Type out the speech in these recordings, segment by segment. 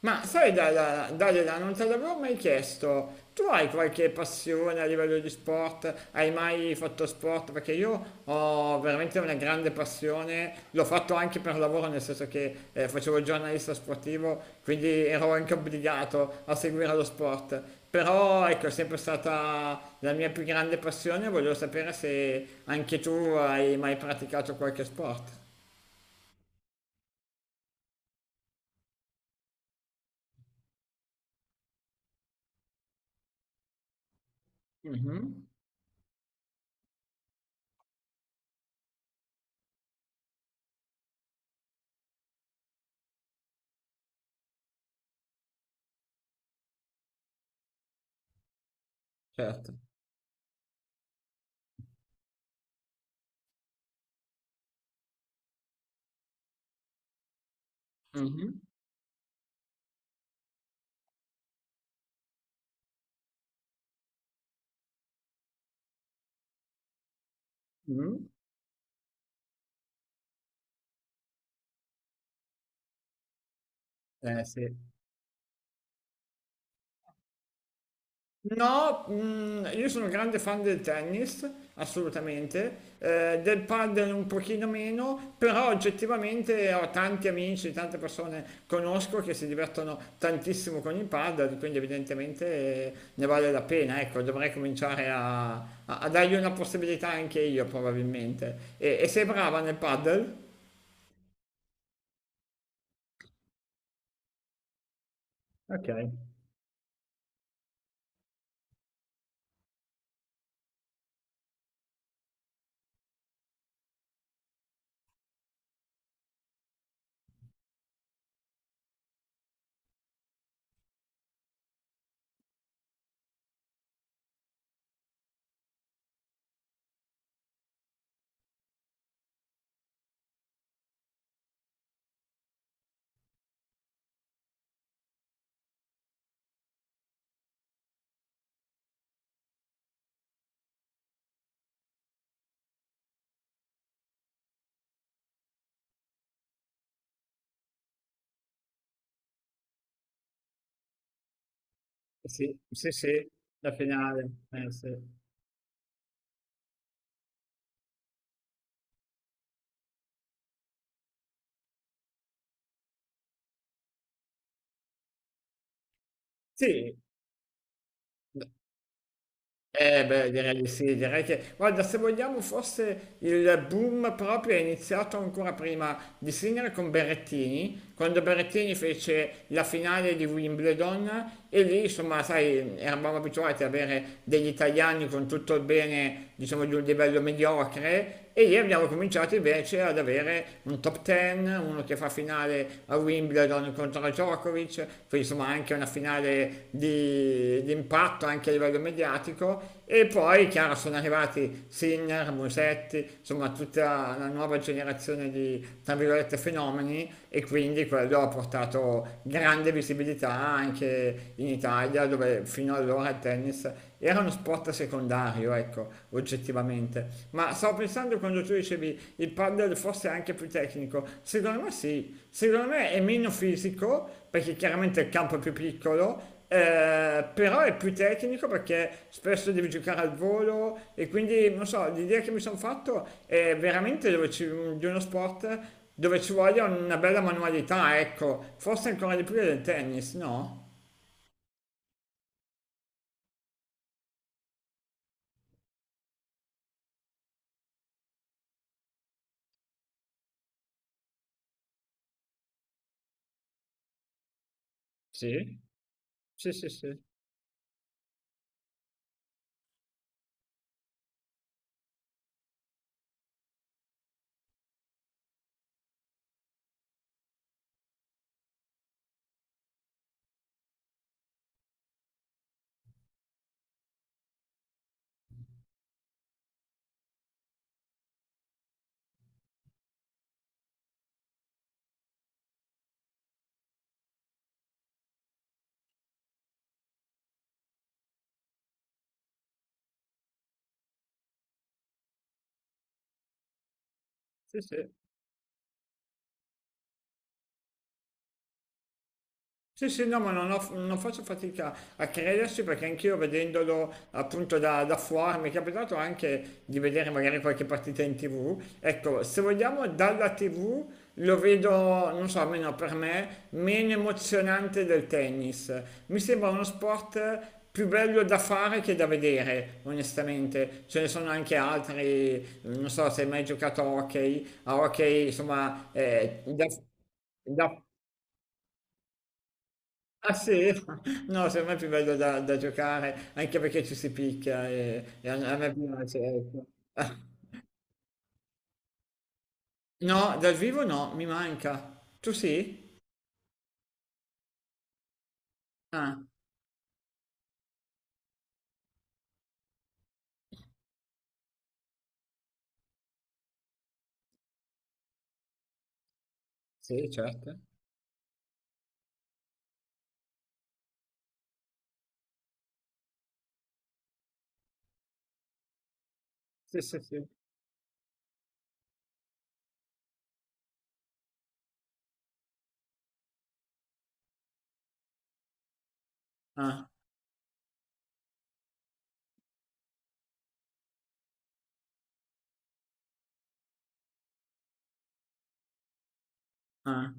Ma sai, Dalila, Dalila, non te l'avevo mai chiesto. Tu hai qualche passione a livello di sport? Hai mai fatto sport? Perché io ho veramente una grande passione, l'ho fatto anche per lavoro, nel senso che facevo il giornalista sportivo, quindi ero anche obbligato a seguire lo sport. Però ecco, è sempre stata la mia più grande passione, volevo sapere se anche tu hai mai praticato qualche sport. Mhm, certo. Mhm, mhm. Eh sì. No, mm, io sono un grande fan del tennis, assolutamente, del padel un pochino meno, però oggettivamente ho tanti amici, tante persone conosco che si divertono tantissimo con il padel, quindi evidentemente ne vale la pena, ecco, dovrei cominciare a, a dargli una possibilità anche io probabilmente. E sei brava nel padel? Ok. Sì, sì, sì, la finale. Eh, sì. Sì, eh beh, direi di sì, direi che, guarda, se vogliamo, forse il boom proprio è iniziato ancora prima di Sinner con Berrettini, quando Berrettini fece la finale di Wimbledon e lì, insomma, sai, eravamo abituati ad avere degli italiani con tutto il bene, diciamo, di un livello mediocre e lì abbiamo cominciato invece ad avere un top 10, uno che fa finale a Wimbledon contro Djokovic, poi insomma anche una finale di impatto anche a livello mediatico e poi chiaro sono arrivati Sinner, Musetti, insomma tutta la nuova generazione di tra virgolette fenomeni e quindi quello ha portato grande visibilità anche in Italia dove fino allora il tennis era uno sport secondario, ecco, oggettivamente. Ma stavo pensando quando tu dicevi il paddle forse è anche più tecnico, secondo me sì, secondo me è meno fisico perché chiaramente il campo è più piccolo, però è più tecnico perché spesso devi giocare al volo e quindi non so, l'idea che mi sono fatto è veramente di uno sport dove ci voglia una bella manualità, ecco, forse ancora di più del tennis, no? Sì, sì, sì, sì, sì, sì. Sì, sì, non faccio fatica a crederci perché anch'io vedendolo appunto da, da fuori mi è capitato anche di vedere magari qualche partita in TV. Ecco, se vogliamo dalla TV lo vedo, non so, almeno per me, meno emozionante del tennis. Mi sembra uno sport più bello da fare che da vedere, onestamente. Ce ne sono anche altri, non so se hai mai giocato a hockey, insomma, da... Da, ah sì? No, secondo me è più bello da, da giocare, anche perché ci si picchia e, a me piace, ecco. No, dal vivo no, mi manca. Tu sì? Ah, sì, certo. Sì, sì, sì. Ah, ah.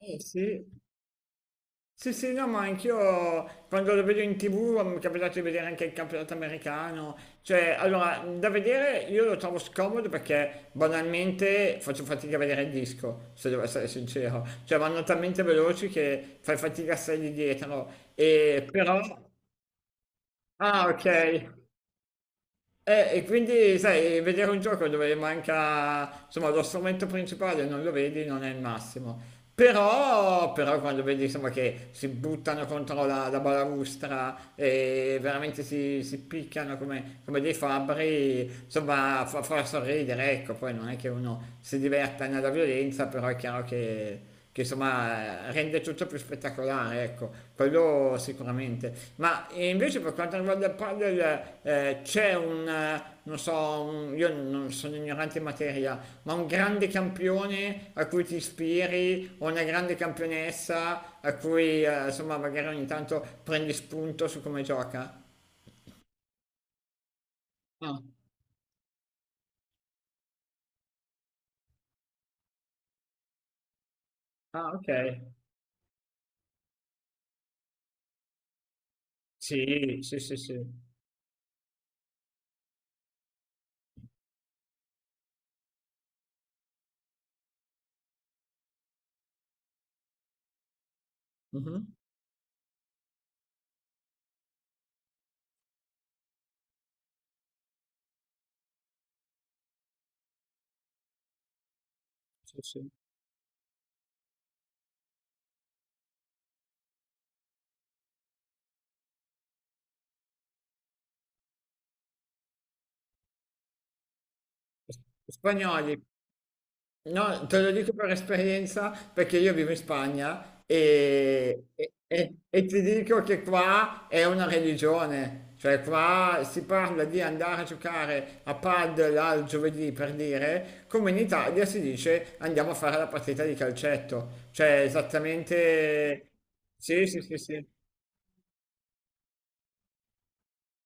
Eh sì, sì, sì, no, ma anch'io quando lo vedo in TV mi è capitato di vedere anche il campionato americano, cioè, allora, da vedere io lo trovo scomodo perché banalmente faccio fatica a vedere il disco, se devo essere sincero, cioè vanno talmente veloci che fai fatica a stare lì dietro, e però... Ah, ok. E quindi, sai, vedere un gioco dove manca, insomma, lo strumento principale non lo vedi non è il massimo. Però quando vedi insomma, che si buttano contro la balaustra e veramente si, si picchiano come, come dei fabbri, insomma fa, fa sorridere, ecco, poi non è che uno si diverta nella violenza, però è chiaro che, insomma rende tutto più spettacolare, ecco, quello sicuramente. Ma invece per quanto riguarda il padel c'è un, non so, io non sono ignorante in materia, ma un grande campione a cui ti ispiri o una grande campionessa a cui insomma magari ogni tanto prendi spunto su come gioca? Ah, ah, ok. Sì, sì, sì, sì. Mhm, sì, sì. Spagnoli, no, te lo dico per esperienza perché io vivo in Spagna e, e ti dico che qua è una religione, cioè qua si parla di andare a giocare a padel al giovedì per dire, come in Italia si dice andiamo a fare la partita di calcetto, cioè esattamente... Sì, sì, sì, sì.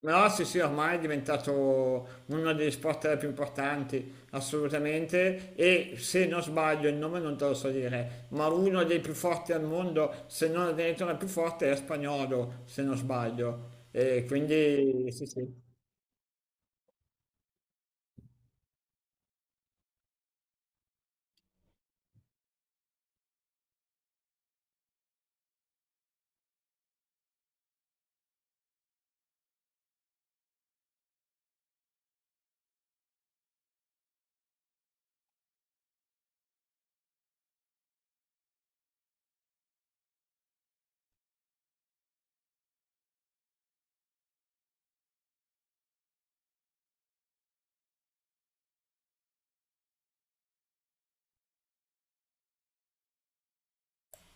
No, sì, sì, ormai è diventato uno degli sport più importanti, assolutamente. E se non sbaglio, il nome non te lo so dire, ma uno dei più forti al mondo, se non addirittura il più forte, è spagnolo, se non sbaglio. E quindi sì, sì.